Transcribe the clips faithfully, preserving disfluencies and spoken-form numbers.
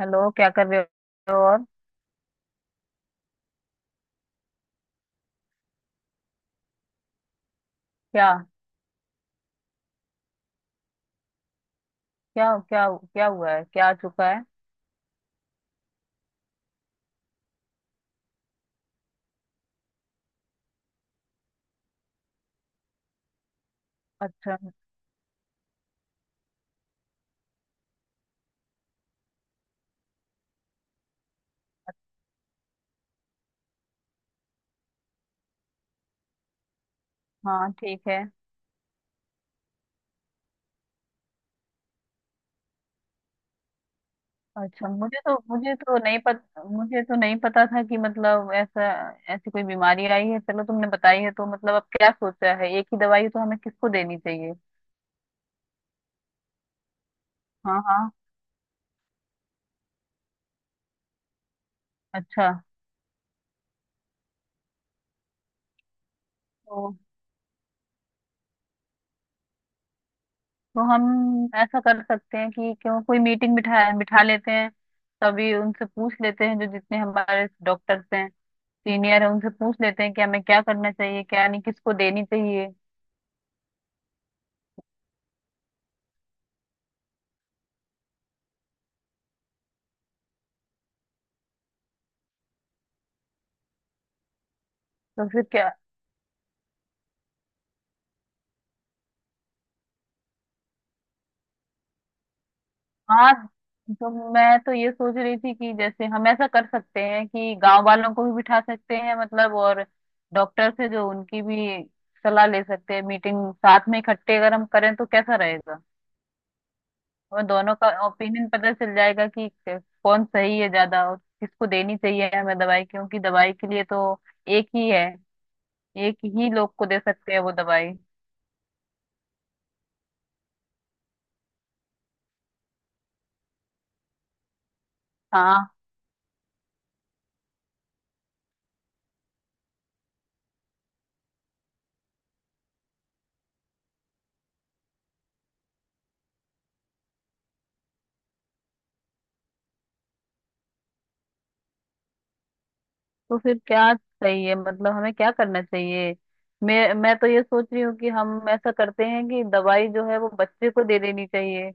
Hello, क्या कर रहे हो? और क्या? क्या क्या क्या हुआ है? क्या आ चुका है? अच्छा। हाँ, ठीक है। अच्छा, मुझे तो मुझे तो नहीं पता, मुझे तो नहीं पता था कि मतलब ऐसा ऐसी कोई बीमारी आई है। चलो, तुमने बताई है। तो मतलब अब क्या सोचा है? एक ही दवाई तो हमें किसको देनी चाहिए? हाँ हाँ। अच्छा, तो तो हम ऐसा कर सकते हैं कि क्यों कोई मीटिंग बिठा बिठा लेते हैं, तभी उनसे पूछ लेते हैं जो जितने हमारे डॉक्टर्स हैं, सीनियर है, उनसे पूछ लेते हैं कि हमें क्या करना चाहिए, क्या नहीं, किसको देनी चाहिए। तो फिर क्या? हाँ। तो मैं तो ये सोच रही थी कि जैसे हम ऐसा कर सकते हैं कि गांव वालों को भी बिठा सकते हैं मतलब, और डॉक्टर से जो उनकी भी सलाह ले सकते हैं। मीटिंग साथ में इकट्ठे अगर हम करें तो कैसा रहेगा? हमें दोनों का ओपिनियन पता चल जाएगा कि क- कौन सही है ज्यादा और किसको देनी चाहिए हमें दवाई, क्योंकि दवाई के लिए तो एक ही है, एक ही लोग को दे सकते हैं वो दवाई। हाँ। तो फिर क्या चाहिए मतलब? हमें क्या करना चाहिए? मैं मैं तो ये सोच रही हूँ कि हम ऐसा करते हैं कि दवाई जो है वो बच्चे को दे देनी चाहिए।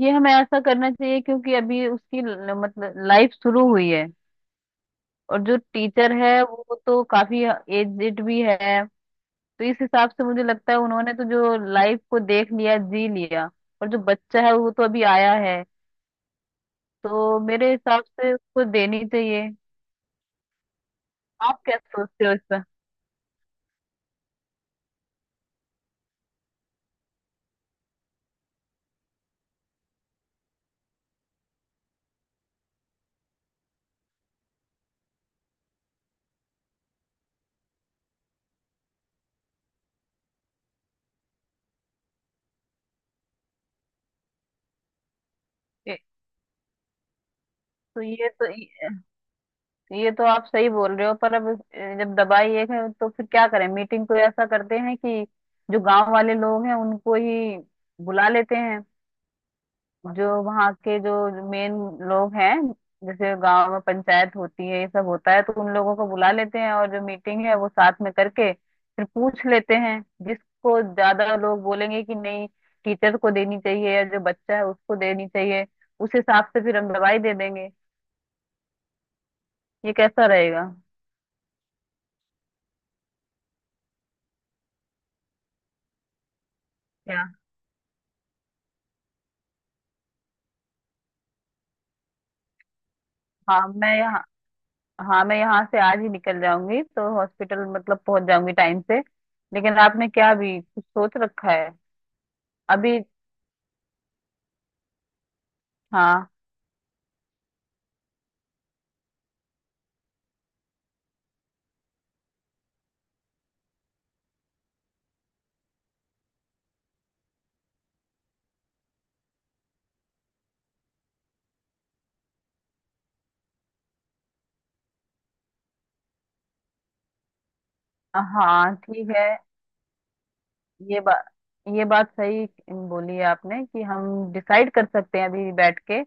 ये हमें ऐसा करना चाहिए क्योंकि अभी उसकी ल- मतलब लाइफ शुरू हुई है। और जो टीचर है वो तो काफी एजेड भी है, तो इस हिसाब से मुझे लगता है उन्होंने तो जो लाइफ को देख लिया, जी लिया, और जो बच्चा है वो तो अभी आया है, तो मेरे हिसाब से उसको देनी चाहिए। आप क्या सोचते हो इस पर? तो ये तो ये तो आप सही बोल रहे हो, पर अब अ, जब दवाई एक है तो फिर क्या करें? मीटिंग को ऐसा करते हैं कि जो गांव वाले लोग हैं उनको ही बुला लेते हैं, जो वहाँ के जो मेन लोग हैं, जैसे गांव में पंचायत होती है, ये सब होता है, तो उन लोगों को बुला लेते हैं और जो मीटिंग है वो साथ में करके फिर पूछ लेते हैं। जिसको ज्यादा लोग बोलेंगे कि नहीं, टीचर को देनी चाहिए या जो बच्चा है उसको देनी चाहिए, उस हिसाब से फिर हम दवाई दे देंगे। ये कैसा रहेगा? क्या? हाँ मैं हाँ, मैं यहाँ से आज ही निकल जाऊंगी तो हॉस्पिटल मतलब पहुंच जाऊंगी टाइम से। लेकिन आपने क्या अभी कुछ सोच रखा है? अभी? हाँ। हाँ, ठीक है। ये बात ये बात सही बोली है आपने कि हम डिसाइड कर सकते हैं अभी बैठ के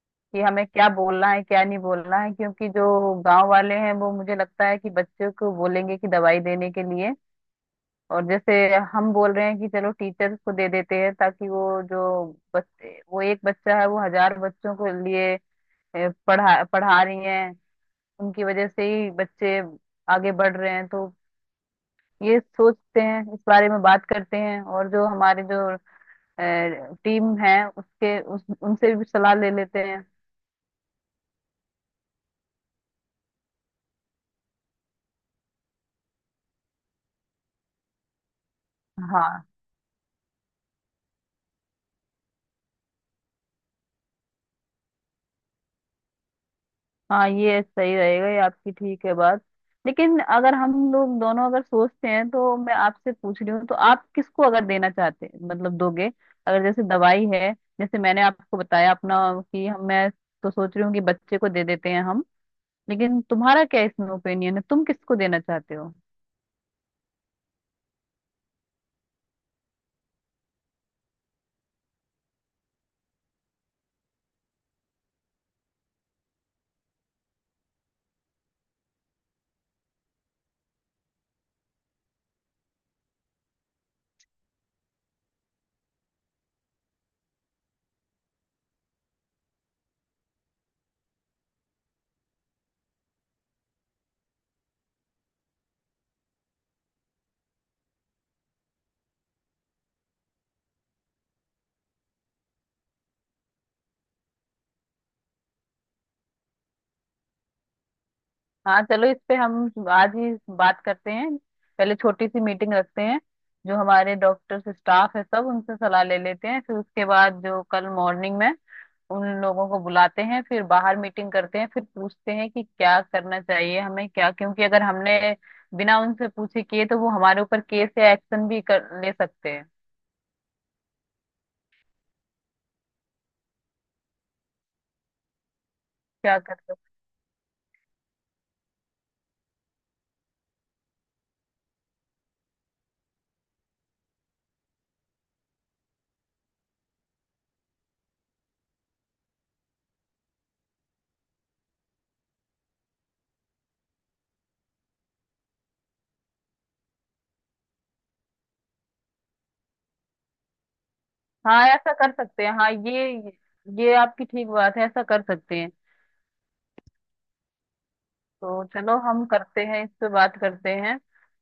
कि हमें क्या बोलना है, क्या नहीं बोलना है, क्योंकि जो गांव वाले हैं वो मुझे लगता है कि बच्चों को बोलेंगे कि दवाई देने के लिए। और जैसे हम बोल रहे हैं कि चलो टीचर्स को दे देते हैं, ताकि वो जो बच्चे, वो एक बच्चा है, वो हजार बच्चों के लिए ए, पढ़ा पढ़ा रही हैं, उनकी वजह से ही बच्चे आगे बढ़ रहे हैं। तो ये सोचते हैं, इस बारे में बात करते हैं, और जो हमारे जो टीम है उसके उस, उनसे भी सलाह ले लेते हैं। हाँ। हाँ, ये सही रहेगा, ये आपकी ठीक है बात। लेकिन अगर हम लोग दोनों अगर सोचते हैं, तो मैं आपसे पूछ रही हूँ, तो आप किसको अगर देना चाहते हैं मतलब दोगे? अगर जैसे दवाई है, जैसे मैंने आपको बताया अपना कि हम मैं तो सोच रही हूँ कि बच्चे को दे देते हैं हम। लेकिन तुम्हारा क्या इसमें ओपिनियन है? तुम किसको देना चाहते हो? हाँ, चलो इस पे हम आज ही बात करते हैं। पहले छोटी सी मीटिंग रखते हैं, जो हमारे डॉक्टर्स स्टाफ है सब, उनसे सलाह ले लेते हैं। फिर उसके बाद जो कल मॉर्निंग में उन लोगों को बुलाते हैं, फिर बाहर मीटिंग करते हैं, फिर पूछते हैं कि क्या करना चाहिए हमें, क्या। क्योंकि अगर हमने बिना उनसे पूछे किए तो वो हमारे ऊपर केस या एक्शन भी कर ले सकते हैं। क्या कर सकते? हाँ, ऐसा कर सकते हैं। हाँ ये ये आपकी ठीक बात है, ऐसा कर सकते हैं। तो चलो, हम करते हैं, इस पे बात करते हैं,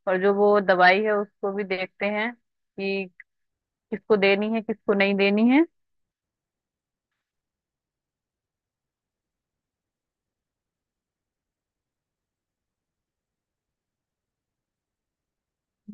और जो वो दवाई है उसको भी देखते हैं कि किसको देनी है, किसको नहीं देनी है।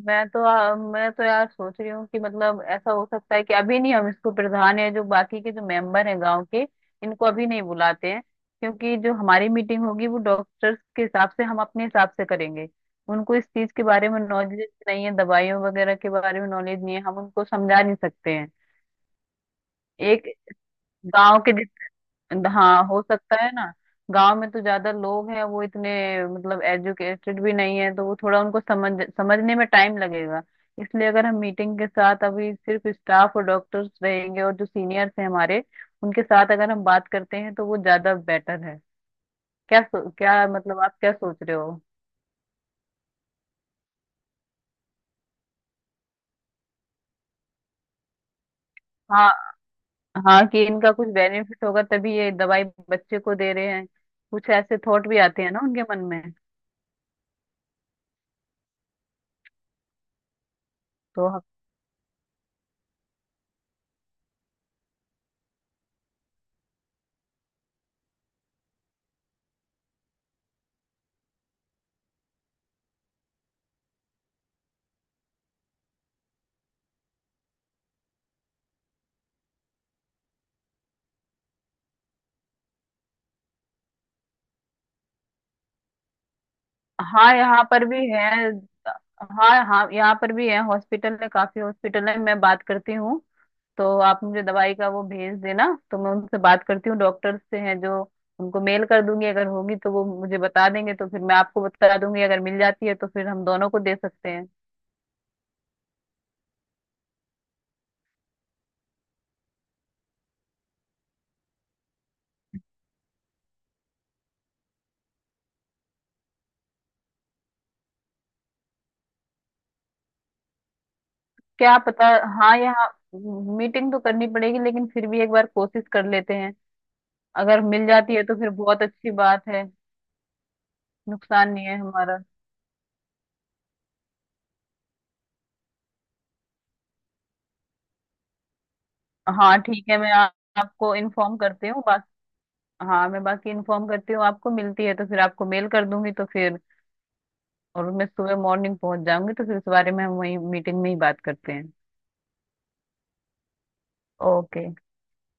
मैं तो आ, मैं तो यार सोच रही हूँ कि मतलब ऐसा हो सकता है कि अभी नहीं, हम इसको प्रधान या जो बाकी के जो मेंबर हैं गांव के, इनको अभी नहीं बुलाते हैं, क्योंकि जो हमारी मीटिंग होगी वो डॉक्टर्स के हिसाब से, हम अपने हिसाब से करेंगे। उनको इस चीज के बारे में नॉलेज नहीं है, दवाइयों वगैरह के बारे में नॉलेज नहीं है, हम उनको समझा नहीं सकते हैं। एक गांव के, हाँ हो सकता है ना। गांव में तो ज्यादा लोग हैं, वो इतने मतलब एजुकेटेड भी नहीं है, तो वो थोड़ा उनको समझ समझने में टाइम लगेगा। इसलिए अगर हम मीटिंग के साथ अभी सिर्फ स्टाफ और डॉक्टर्स रहेंगे और जो सीनियर्स हैं हमारे, उनके साथ अगर हम बात करते हैं तो वो ज्यादा बेटर है। क्या सो, क्या मतलब आप क्या सोच रहे हो? हाँ। हाँ, कि इनका कुछ बेनिफिट होगा तभी ये दवाई बच्चे को दे रहे हैं, कुछ ऐसे थॉट भी आते हैं ना उनके मन में। तो हाँ, यहाँ पर भी है। हाँ हाँ, यहाँ पर भी है हॉस्पिटल, है काफी हॉस्पिटल है, मैं बात करती हूँ। तो आप मुझे दवाई का वो भेज देना, तो मैं उनसे बात करती हूँ डॉक्टर से, हैं जो, उनको मेल कर दूंगी। अगर होगी तो वो मुझे बता देंगे, तो फिर मैं आपको बता दूंगी। अगर मिल जाती है तो फिर हम दोनों को दे सकते हैं। क्या पता। हाँ, यहाँ मीटिंग तो करनी पड़ेगी, लेकिन फिर भी एक बार कोशिश कर लेते हैं। अगर मिल जाती है तो फिर बहुत अच्छी बात है। नुकसान नहीं है हमारा। हाँ ठीक है मैं आ, आपको इन्फॉर्म करती हूँ। हाँ, मैं बाकी इन्फॉर्म करती हूँ आपको, मिलती है तो फिर आपको मेल कर दूंगी, तो फिर। और मैं सुबह मॉर्निंग पहुंच जाऊंगी, तो फिर इस बारे में हम वही मीटिंग में ही बात करते हैं। ओके।